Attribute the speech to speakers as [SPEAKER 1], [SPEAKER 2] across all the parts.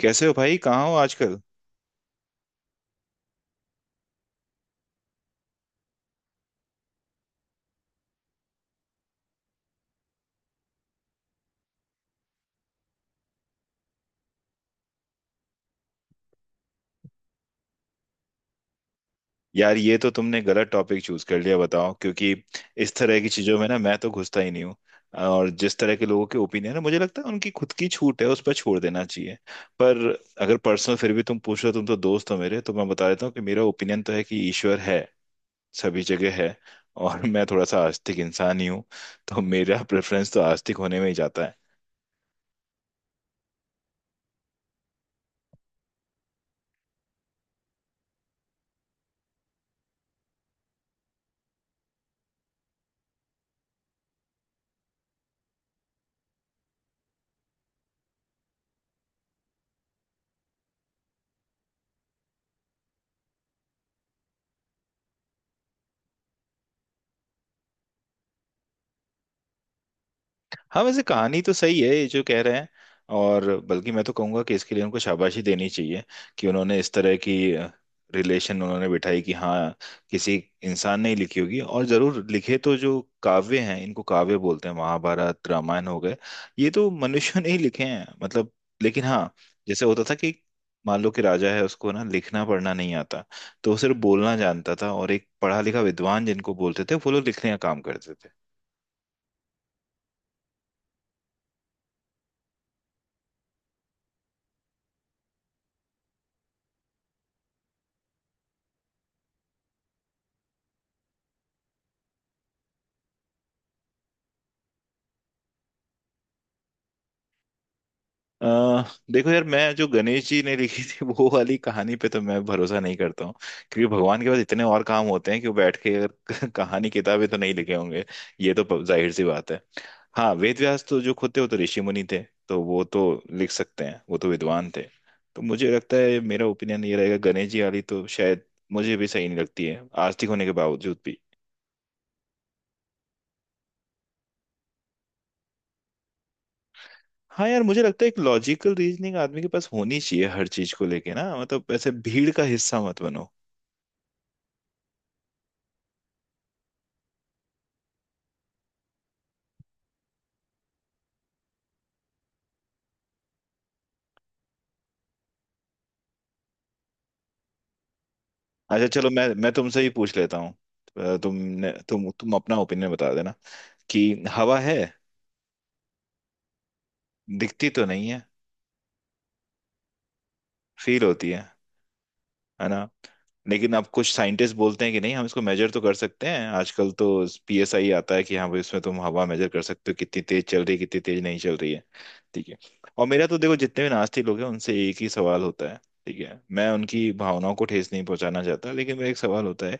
[SPEAKER 1] कैसे हो भाई? कहाँ हो आजकल? यार ये तो तुमने गलत टॉपिक चूज कर लिया बताओ, क्योंकि इस तरह की चीजों में ना मैं तो घुसता ही नहीं हूँ। और जिस तरह के लोगों के ओपिनियन है मुझे लगता है उनकी खुद की छूट है, उस पर छोड़ देना चाहिए। पर अगर पर्सनल फिर भी तुम पूछ रहे हो, तुम तो दोस्त हो मेरे, तो मैं बता देता हूँ कि मेरा ओपिनियन तो है कि ईश्वर है, सभी जगह है। और मैं थोड़ा सा आस्तिक इंसान ही हूँ, तो मेरा प्रेफरेंस तो आस्तिक होने में ही जाता है। हाँ, वैसे कहानी तो सही है ये जो कह रहे हैं, और बल्कि मैं तो कहूंगा कि इसके लिए उनको शाबाशी देनी चाहिए कि उन्होंने इस तरह की रिलेशन उन्होंने बिठाई कि हाँ, किसी इंसान ने ही लिखी होगी और जरूर लिखे। तो जो काव्य हैं इनको काव्य बोलते हैं, महाभारत रामायण हो गए। ये तो मनुष्य ने ही लिखे हैं, मतलब। लेकिन हाँ, जैसे होता था कि मान लो कि राजा है उसको ना लिखना पढ़ना नहीं आता, तो वो सिर्फ बोलना जानता था और एक पढ़ा लिखा विद्वान जिनको बोलते थे वो लोग लिखने का काम करते थे। अ, देखो यार, मैं जो गणेश जी ने लिखी थी वो वाली कहानी पे तो मैं भरोसा नहीं करता हूँ, क्योंकि भगवान के पास इतने और काम होते हैं कि वो बैठ के अगर कहानी किताबें तो नहीं लिखे होंगे। ये तो जाहिर सी बात है। हाँ, वेद व्यास तो जो खुद थे वो तो ऋषि मुनि थे, तो वो तो लिख सकते हैं, वो तो विद्वान थे। तो मुझे लगता है मेरा ओपिनियन ये रहेगा, गणेश जी वाली तो शायद मुझे भी सही नहीं लगती है आस्तिक होने के बावजूद भी। हाँ यार, मुझे लगता है एक लॉजिकल रीजनिंग आदमी के पास होनी चाहिए हर चीज को लेके, ना मतलब ऐसे भीड़ का हिस्सा मत बनो। अच्छा चलो, मैं तुमसे ही पूछ लेता हूँ। तुमने तुम अपना ओपिनियन बता देना कि हवा है। दिखती तो नहीं है। फील होती है ना? लेकिन अब कुछ साइंटिस्ट बोलते हैं कि नहीं, हम इसको मेजर तो कर सकते हैं आजकल, तो पीएसआई आता है कि हाँ भाई इसमें तुम हवा मेजर कर सकते हो, कितनी तेज चल रही है, कितनी तेज नहीं चल रही है। ठीक है। और मेरा तो देखो, जितने भी नास्तिक लोग हैं उनसे एक ही सवाल होता है। ठीक है, मैं उनकी भावनाओं को ठेस नहीं पहुंचाना चाहता, लेकिन मेरा एक सवाल होता है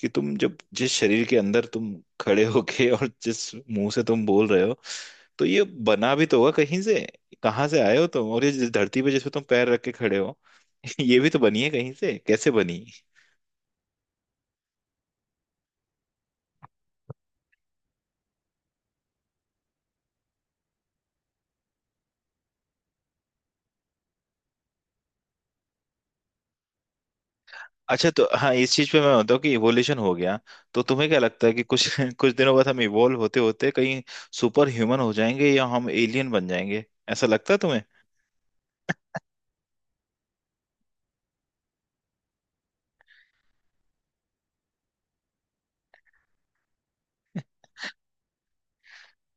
[SPEAKER 1] कि तुम जब जिस शरीर के अंदर तुम खड़े होके और जिस मुंह से तुम बोल रहे हो, तो ये बना भी तो होगा कहीं से, कहाँ से आए हो तुम? और ये जिस धरती पे जिस पे तुम पैर रख के खड़े हो ये भी तो बनी है कहीं से, कैसे बनी? अच्छा तो हाँ, इस चीज पे मैं मानता हूँ कि इवोल्यूशन हो गया। तो तुम्हें क्या लगता है कि कुछ कुछ दिनों बाद हम इवोल्व होते होते कहीं सुपर ह्यूमन हो जाएंगे या हम एलियन बन जाएंगे? ऐसा लगता है तुम्हें?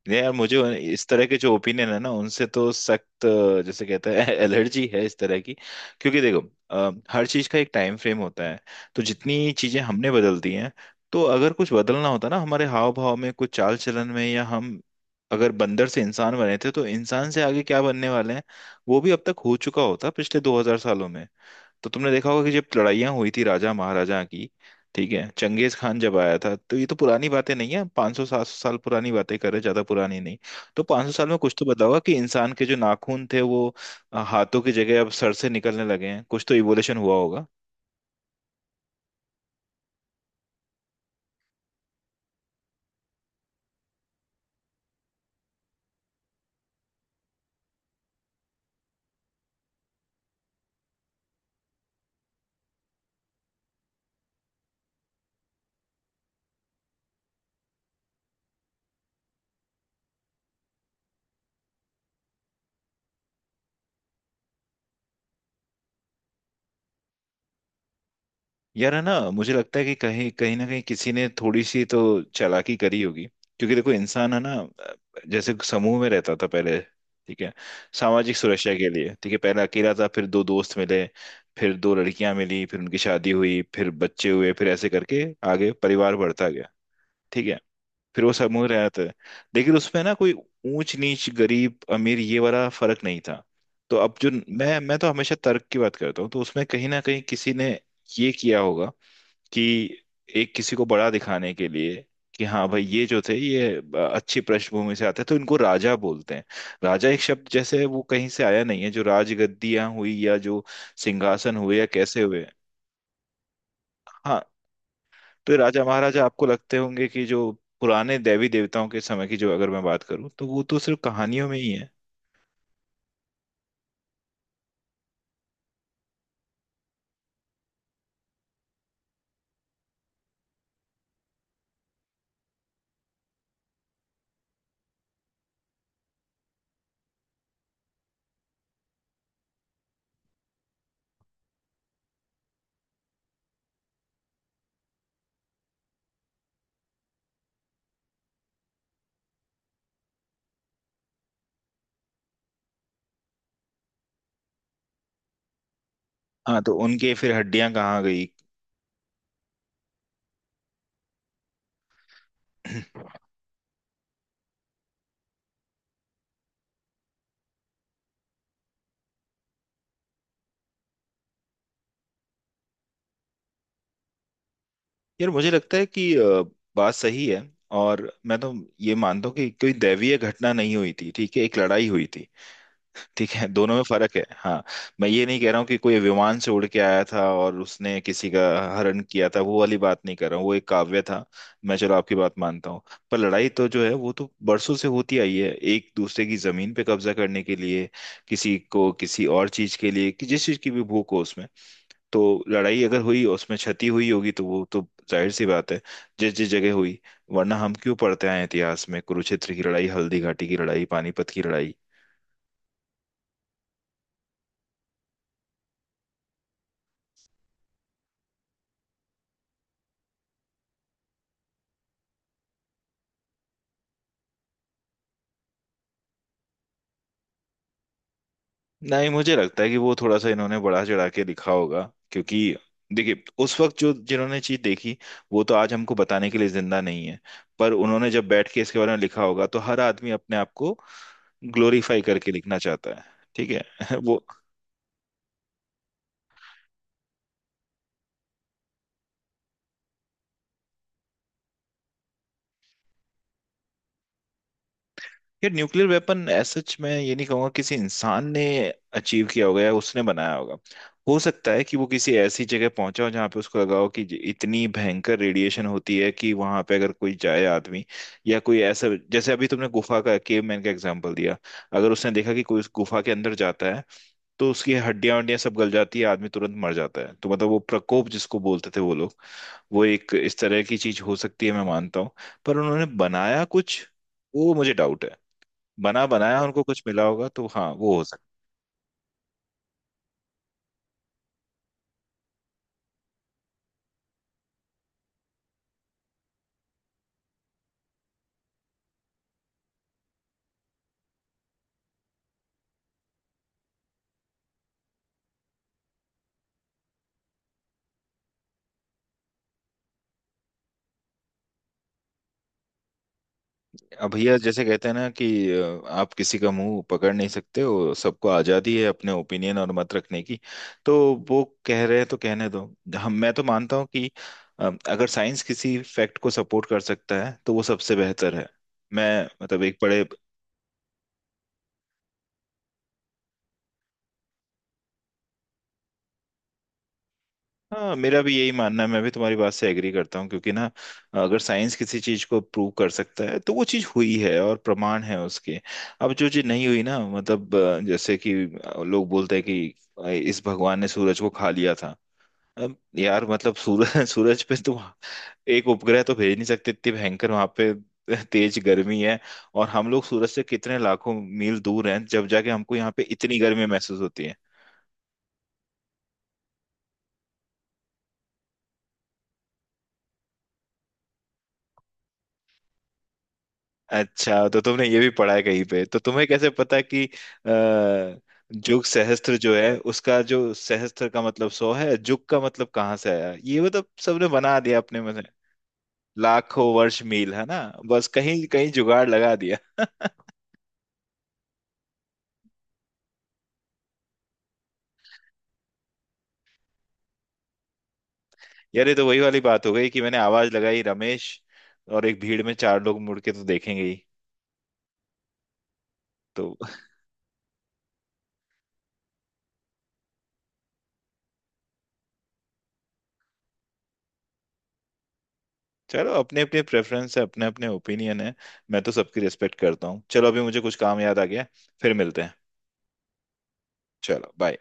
[SPEAKER 1] नहीं यार, मुझे इस तरह के जो ओपिनियन है ना उनसे तो सख्त, जैसे कहते हैं, एलर्जी है इस तरह की। क्योंकि देखो, हर चीज का एक टाइम फ्रेम होता है। तो जितनी चीजें हमने बदल दी हैं, तो अगर कुछ बदलना होता ना हमारे हाव भाव में, कुछ चाल चलन में, या हम अगर बंदर से इंसान बने थे तो इंसान से आगे क्या बनने वाले हैं, वो भी अब तक हो चुका होता पिछले 2000 सालों में। तो तुमने देखा होगा कि जब लड़ाइयाँ हुई थी राजा महाराजा की, ठीक है, चंगेज खान जब आया था, तो ये तो पुरानी बातें नहीं है, 500 सौ 700 साल पुरानी बातें कर रहे हैं, ज्यादा पुरानी नहीं। तो 500 साल में कुछ तो बदला होगा कि इंसान के जो नाखून थे वो हाथों की जगह अब सर से निकलने लगे हैं, कुछ तो इवोल्यूशन हुआ। यार, है ना, मुझे लगता है कि कहीं कहीं ना कहीं किसी ने थोड़ी सी तो चालाकी करी होगी, क्योंकि देखो इंसान है ना, जैसे समूह में रहता था पहले। ठीक है, सामाजिक सुरक्षा के लिए। ठीक है, पहले अकेला था, फिर दो दोस्त मिले, फिर दो लड़कियां मिली, फिर उनकी शादी हुई, फिर बच्चे हुए, फिर ऐसे करके आगे परिवार बढ़ता गया। ठीक है, फिर वो समूह रहता है, लेकिन उसमें ना कोई ऊंच नीच, गरीब अमीर, ये वाला फर्क नहीं था। तो अब जो, मैं तो हमेशा तर्क की बात करता हूँ, तो उसमें कहीं ना कहीं किसी ने ये किया होगा कि एक किसी को बड़ा दिखाने के लिए कि हाँ भाई ये जो थे ये अच्छी पृष्ठभूमि से आते हैं, तो इनको राजा बोलते हैं। राजा एक शब्द, जैसे वो कहीं से आया नहीं है, जो राजगद्दियां हुई या जो सिंहासन हुए या कैसे हुए। हाँ, तो ये राजा महाराजा आपको लगते होंगे कि जो पुराने देवी देवताओं के समय की, जो अगर मैं बात करूँ तो वो तो सिर्फ कहानियों में ही है। हाँ, तो उनके फिर हड्डियां कहाँ गई? यार मुझे लगता है कि बात सही है, और मैं तो ये मानता हूँ कि कोई दैवीय घटना नहीं हुई थी, ठीक है, एक लड़ाई हुई थी। ठीक है, दोनों में फर्क है। हाँ, मैं ये नहीं कह रहा हूँ कि कोई विमान से उड़ के आया था और उसने किसी का हरण किया था, वो वाली बात नहीं कर रहा हूँ, वो एक काव्य था, मैं चलो आपकी बात मानता हूँ। पर लड़ाई तो जो है वो तो बरसों से होती आई है, एक दूसरे की जमीन पे कब्जा करने के लिए, किसी को किसी और चीज के लिए, कि जिस चीज की भी भूख हो उसमें। तो लड़ाई अगर हुई और उसमें क्षति हुई होगी तो वो तो जाहिर सी बात है, जिस जिस जगह हुई। वरना हम क्यों पढ़ते आए हैं इतिहास में, कुरुक्षेत्र की लड़ाई, हल्दी घाटी की लड़ाई, पानीपत की लड़ाई। नहीं, मुझे लगता है कि वो थोड़ा सा इन्होंने बढ़ा चढ़ा के लिखा होगा, क्योंकि देखिए उस वक्त जो जिन्होंने चीज देखी, वो तो आज हमको बताने के लिए जिंदा नहीं है। पर उन्होंने जब बैठ के इसके बारे में लिखा होगा तो हर आदमी अपने आप को ग्लोरीफाई करके लिखना चाहता है। ठीक है। वो, यार न्यूक्लियर वेपन सच, मैं ये नहीं कहूंगा किसी इंसान ने अचीव किया होगा या उसने बनाया होगा। हो सकता है कि वो किसी ऐसी जगह पहुंचा हो जहां पे उसको लगा हो कि इतनी भयंकर रेडिएशन होती है कि वहां पे अगर कोई जाए आदमी, या कोई ऐसा, जैसे अभी तुमने गुफा का केवमैन का एग्जांपल दिया, अगर उसने देखा कि कोई उस गुफा के अंदर जाता है तो उसकी हड्डियां वड्डियां सब गल जाती है, आदमी तुरंत मर जाता है, तो मतलब वो प्रकोप जिसको बोलते थे वो लोग, वो एक इस तरह की चीज हो सकती है, मैं मानता हूँ। पर उन्होंने बनाया कुछ, वो मुझे डाउट है। बना बनाया उनको कुछ मिला होगा, तो हाँ, वो हो सकता है। अब भैया जैसे कहते हैं ना कि आप किसी का मुंह पकड़ नहीं सकते हो, सबको आजादी है अपने ओपिनियन और मत रखने की। तो वो कह रहे हैं तो कहने दो। हम, मैं तो मानता हूँ कि अगर साइंस किसी फैक्ट को सपोर्ट कर सकता है तो वो सबसे बेहतर है। मैं मतलब एक बड़े, हाँ, मेरा भी यही मानना है, मैं भी तुम्हारी बात से एग्री करता हूँ, क्योंकि ना अगर साइंस किसी चीज को प्रूव कर सकता है तो वो चीज हुई है और प्रमाण है उसके। अब जो चीज नहीं हुई ना, मतलब, जैसे कि लोग बोलते हैं कि इस भगवान ने सूरज को खा लिया था। अब यार मतलब सूरज, सूरज पे तुम एक उपग्रह तो भेज नहीं सकते, इतनी भयंकर वहां पे तेज गर्मी है। और हम लोग सूरज से कितने लाखों मील दूर हैं, जब जाके हमको यहाँ पे इतनी गर्मी महसूस होती है। अच्छा, तो तुमने ये भी पढ़ा है कहीं पे? तो तुम्हें कैसे पता कि जुग सहस्त्र जो है, उसका जो सहस्त्र का मतलब सौ है, जुग का मतलब कहाँ से आया? ये मतलब सबने बना दिया अपने में से। लाखों वर्ष मील, है ना, बस कहीं कहीं जुगाड़ लगा दिया। यार ये तो वही वाली बात हो गई कि मैंने आवाज लगाई रमेश, और एक भीड़ में चार लोग मुड़ के तो देखेंगे ही। तो चलो, अपने अपने प्रेफरेंस है, अपने अपने ओपिनियन है। मैं तो सबकी रिस्पेक्ट करता हूँ। चलो, अभी मुझे कुछ काम याद आ गया, फिर मिलते हैं। चलो, बाय।